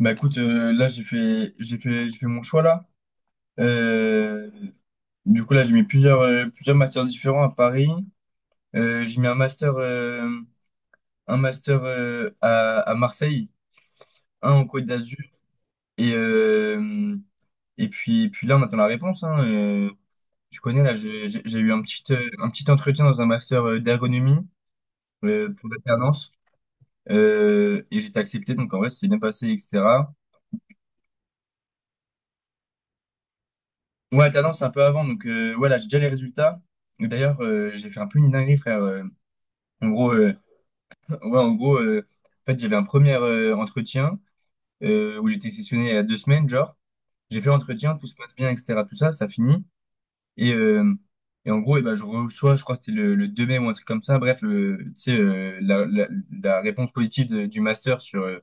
Bah écoute, là j'ai fait mon choix là. Euh, du coup là j'ai mis plusieurs plusieurs masters différents à Paris. J'ai mis un master à Marseille, un en Côte d'Azur et puis là on attend la réponse, hein. Tu connais, là j'ai eu un petit entretien dans un master d'ergonomie, pour l'alternance, et j'étais accepté, donc en vrai c'est bien passé, etc. Ouais, Tendance, c'est un peu avant. Donc, ouais, j'ai déjà les résultats. Et d'ailleurs, j'ai fait un peu une dinguerie, frère. En gros, euh, ouais, en fait, j'avais un premier entretien où j'étais sessionné il y a 2 semaines, genre. J'ai fait l'entretien, tout se passe bien, etc. Tout ça, ça finit. Et, euh, et en gros, et ben, je reçois, je crois que c'était le 2 mai ou un truc comme ça. Bref, tu sais, la réponse positive du master sur,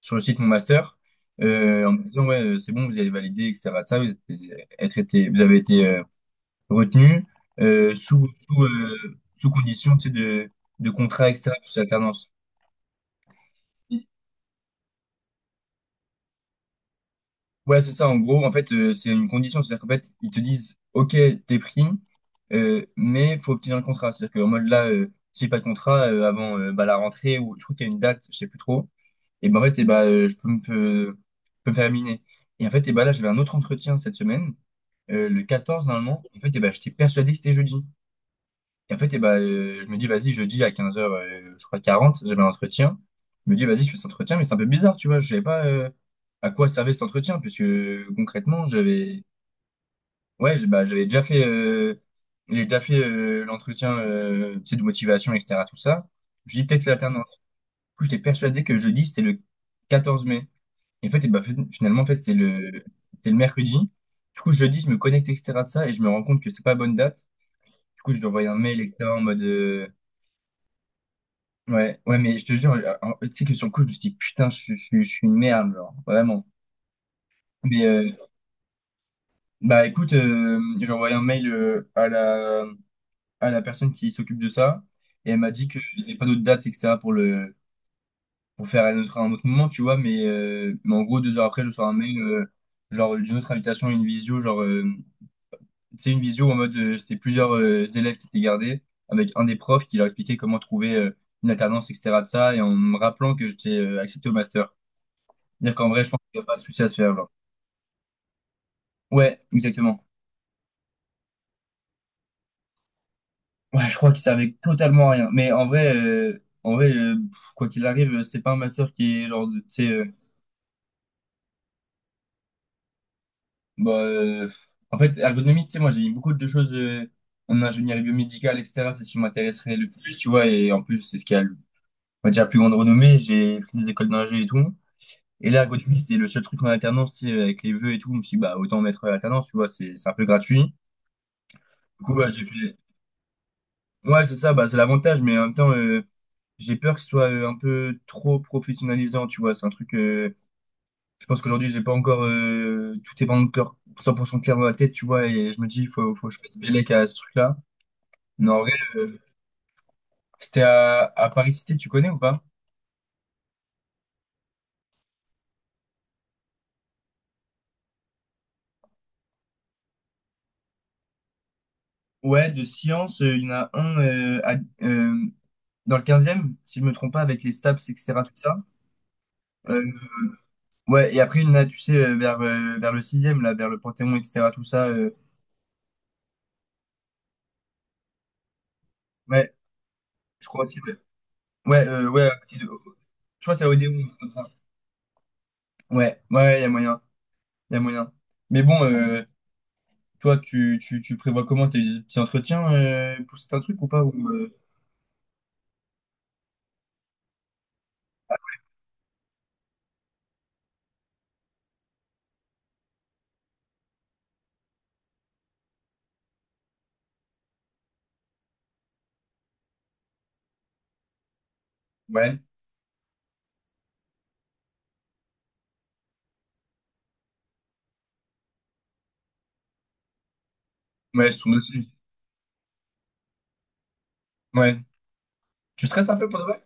sur le site Mon Master, en me disant, ouais, c'est bon, vous avez validé, etc. De ça, vous avez été, retenu, sous condition, tu sais, de contrat, etc., pour cette alternance. Ouais, c'est ça, en gros, en fait, c'est une condition, c'est-à-dire qu'en fait, ils te disent, OK, t'es pris, mais faut obtenir le contrat. C'est-à-dire qu'en mode là, si j'ai pas de contrat, avant, bah, la rentrée, ou je trouve qu'il y a une date, je sais plus trop, et ben en fait, et ben, je peux peux me faire éliminer. Et en fait, et ben là, j'avais un autre entretien cette semaine, le 14 normalement, en fait, et ben, j'étais persuadé que c'était jeudi. Et en fait, eh ben, je me dis, vas-y, jeudi à 15 heures, je crois 40, j'avais un entretien. Je me dis, vas-y, je fais cet entretien, mais c'est un peu bizarre, tu vois. Je savais pas, à quoi servait cet entretien, puisque, concrètement, j'avais, ouais, j'ai déjà fait l'entretien, tu sais, de motivation, etc. Tout ça. Je dis, peut-être c'est l'alternance. Du coup, j'étais persuadé que jeudi, c'était le 14 mai. Et en fait, eh ben, finalement, en fait, c'était le mercredi. Du coup, jeudi, je me connecte, etc. de ça, et je me rends compte que c'est pas la bonne date. Du coup, je lui envoie un mail, etc., en mode, ouais, ouais, mais je te jure, tu sais que sur le coup, je me suis dit, putain, je suis une merde, genre, vraiment. Mais, bah, écoute, j'ai envoyé un mail à la personne qui s'occupe de ça, et elle m'a dit que j'ai pas d'autres dates, etc., pour le, pour faire un autre moment, tu vois, mais, en gros, 2 heures après, je reçois un mail, genre, d'une autre invitation, à une visio, genre, tu sais, une visio en mode, c'était plusieurs élèves qui étaient gardés, avec un des profs qui leur expliquait comment trouver une alternance, etc., de ça, et en me rappelant que j'étais accepté au master. C'est-à-dire qu'en vrai, je pense qu'il n'y a pas de souci à se faire, genre. Ouais, exactement. Ouais, je crois qu'il servait totalement à rien. Mais en vrai, pff, quoi qu'il arrive, c'est pas un master qui est genre, tu sais, bah, euh, en fait, ergonomie, tu sais, moi, j'ai mis beaucoup de choses en ingénierie biomédicale, etc. C'est ce qui m'intéresserait le plus, tu vois. Et en plus, c'est ce qui a, on va dire, la plus grande renommée. J'ai pris des écoles d'ingé et tout. Et là, ergonomie, c'était le seul truc en alternance, tu sais, avec les vœux et tout. Je me suis dit, bah, autant mettre alternance, tu vois, c'est un peu gratuit. Du coup, bah, j'ai fait, ouais, c'est ça, bah, c'est l'avantage, mais en même temps, j'ai peur que ce soit un peu trop professionnalisant, tu vois. C'est un truc, je pense qu'aujourd'hui, j'ai pas encore, tout est pas encore 100% clair dans la tête, tu vois, et je me dis, faut que je fasse bellec à ce truc-là. Non, en vrai, c'était à Paris Cité, tu connais ou pas? Ouais, de sciences, il y en a un, euh, dans le 15e si je me trompe pas, avec les STAPS, etc., tout ça. Euh, ouais, et après, il y en a, tu sais, vers le 6e là, vers le Panthéon, etc., tout ça. Ouais, je crois Ouais, ouais, à côté je crois que c'est à Odéon, un truc comme ça. Ouais, ouais, il y a moyen, il y a moyen. Mais bon, toi, tu prévois comment tes petits entretiens, pour certains trucs ou pas? Ouais, ouais, sous aussi. Ouais. Tu stresses un peu pour de vrai?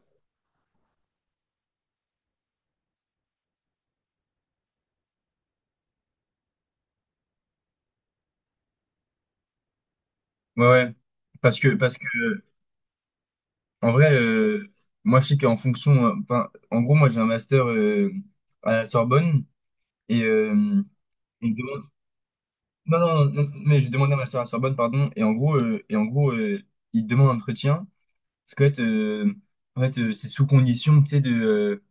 Ouais, ouais. Parce que, parce que, en vrai, moi, je sais qu'en fonction, enfin, en gros, moi, j'ai un master à la Sorbonne et, et il demande- non, non, non, non, mais j'ai demandé un master à la Sorbonne, pardon, et en gros, il demande un entretien. Parce qu'en fait, en fait c'est sous condition, tu sais,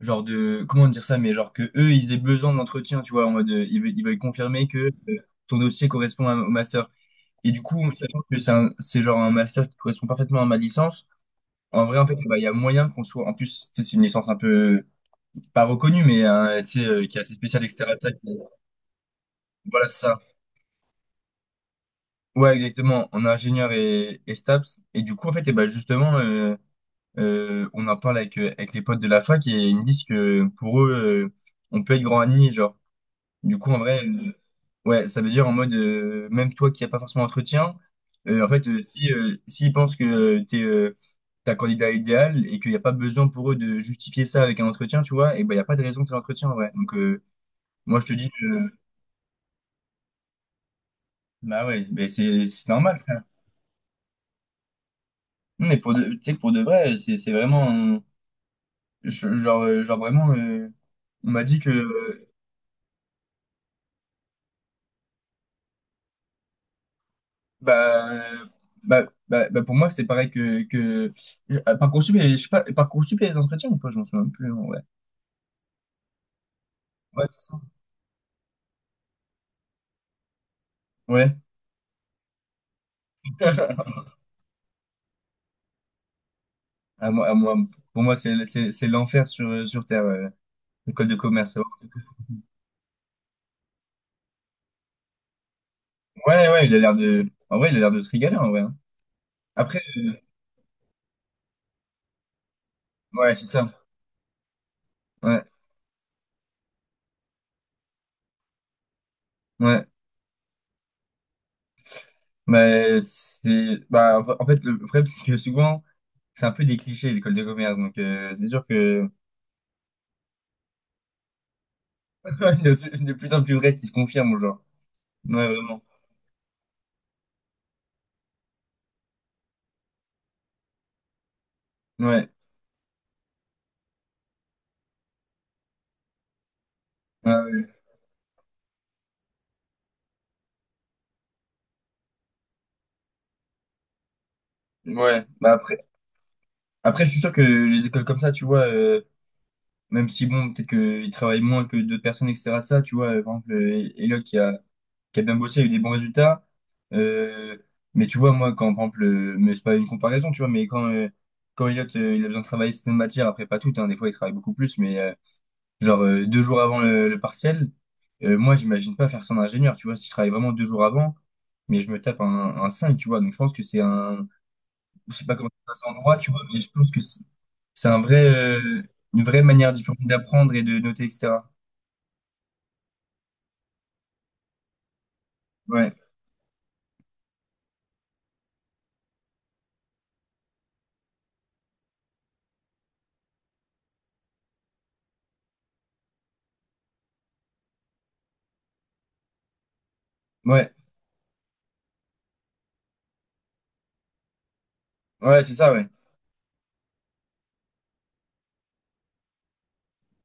genre de, comment dire ça, mais genre que eux, ils aient besoin d'entretien, tu vois, en mode, ils veulent confirmer que, euh, ton dossier correspond au master. Et du coup, sachant que c'est genre un master qui correspond parfaitement à ma licence, en vrai, en fait, bah, il y a moyen qu'on soit, en plus, tu sais, c'est une licence un peu, pas reconnue, mais hein, tu sais, qui est assez spéciale, etc. ça, voilà, c'est ça. Ouais, exactement, en ingénieur et STAPS. Et du coup, en fait, et bah, justement, on en parle avec, avec les potes de la fac et ils me disent que pour eux, on peut être grand admis, genre. Du coup, en vrai, ouais, ça veut dire en mode, même toi qui n'as pas forcément d'entretien, en fait, si, s'ils pensent que t'es, ta candidat idéal et qu'il n'y a pas besoin pour eux de justifier ça avec un entretien, tu vois, et ben, il n'y a pas de raison de faire l'entretien, en vrai. Donc, moi, je te dis que, bah ouais, ben, c'est normal, frère. Non, mais tu sais que pour de vrai, c'est vraiment, genre, genre vraiment, on m'a dit que, Bah, bah, pour moi, c'était pareil que... Parcoursup, je sais pas, Parcoursup, il y a les entretiens ou pas? Je m'en souviens plus, hein. Ouais, ouais, c'est ça. Ouais. À moi, à moi, pour moi, c'est l'enfer sur, sur Terre, ouais. L'école de commerce. Ouais, ouais, il a l'air de... En vrai, il a l'air de se régaler, en vrai, hein. Après, ouais, c'est ça. Ouais, ouais. Mais c'est... Bah, en fait, le problème, c'est que souvent, c'est un peu des clichés, l'école de commerce. Donc, c'est sûr que... Il y a de plus en plus vrai qui se confirme, genre. Ouais, vraiment. Ouais, ouais, ouais. Ouais. Bah après, je suis sûr que les écoles comme ça, tu vois, même si bon, peut-être qu'ils travaillent moins que d'autres personnes, etc. De ça, tu vois, par exemple, Elliot qui a bien bossé, a eu des bons résultats. Euh, mais tu vois, moi, quand, par exemple, mais c'est pas une comparaison, tu vois, mais quand, quand Elliot, il a besoin de travailler certaines matières, après pas toutes, hein, des fois, il travaille beaucoup plus, mais 2 jours avant le partiel, moi, j'imagine pas faire ça en ingénieur, tu vois, si je travaille vraiment 2 jours avant, mais je me tape un 5, tu vois, donc je pense que c'est un. Je sais pas comment ça se passe en droit, tu vois, mais je pense que c'est un vrai, une vraie manière différente d'apprendre et de noter, etc. Ouais, ouais, ouais, c'est ça, ouais.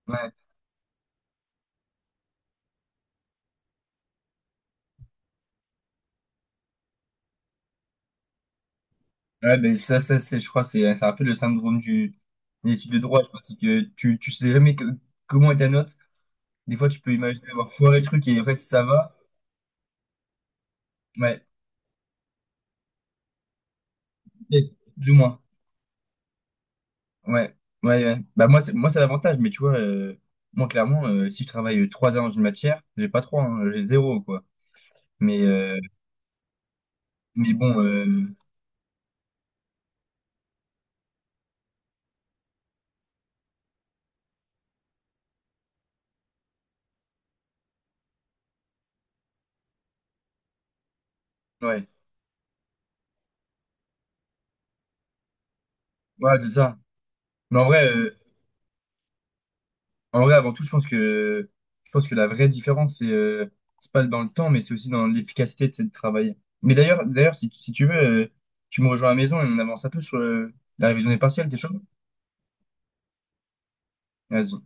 Ouais, ouais ben c'est, je crois, c'est un peu le syndrome de l'étude de droit, je crois, c'est que tu sais jamais comment est ta note. Des fois, tu peux imaginer avoir foiré le truc et en fait, ça va. Ouais, peut-être, plus ou moins. Ouais, ouais, ouais. Bah, moi, c'est l'avantage, mais tu vois, moi, clairement, si je travaille 3 heures dans une matière, j'ai pas trois, hein, j'ai zéro, quoi. Mais, bon, ouais, ouais, c'est ça. Mais en vrai, avant tout, je pense que la vraie différence, c'est, c'est pas dans le temps, mais c'est aussi dans l'efficacité de travailler. Mais d'ailleurs, si tu veux, tu me rejoins à la maison et on avance un peu sur la révision des partiels, t'es chaud? Vas-y.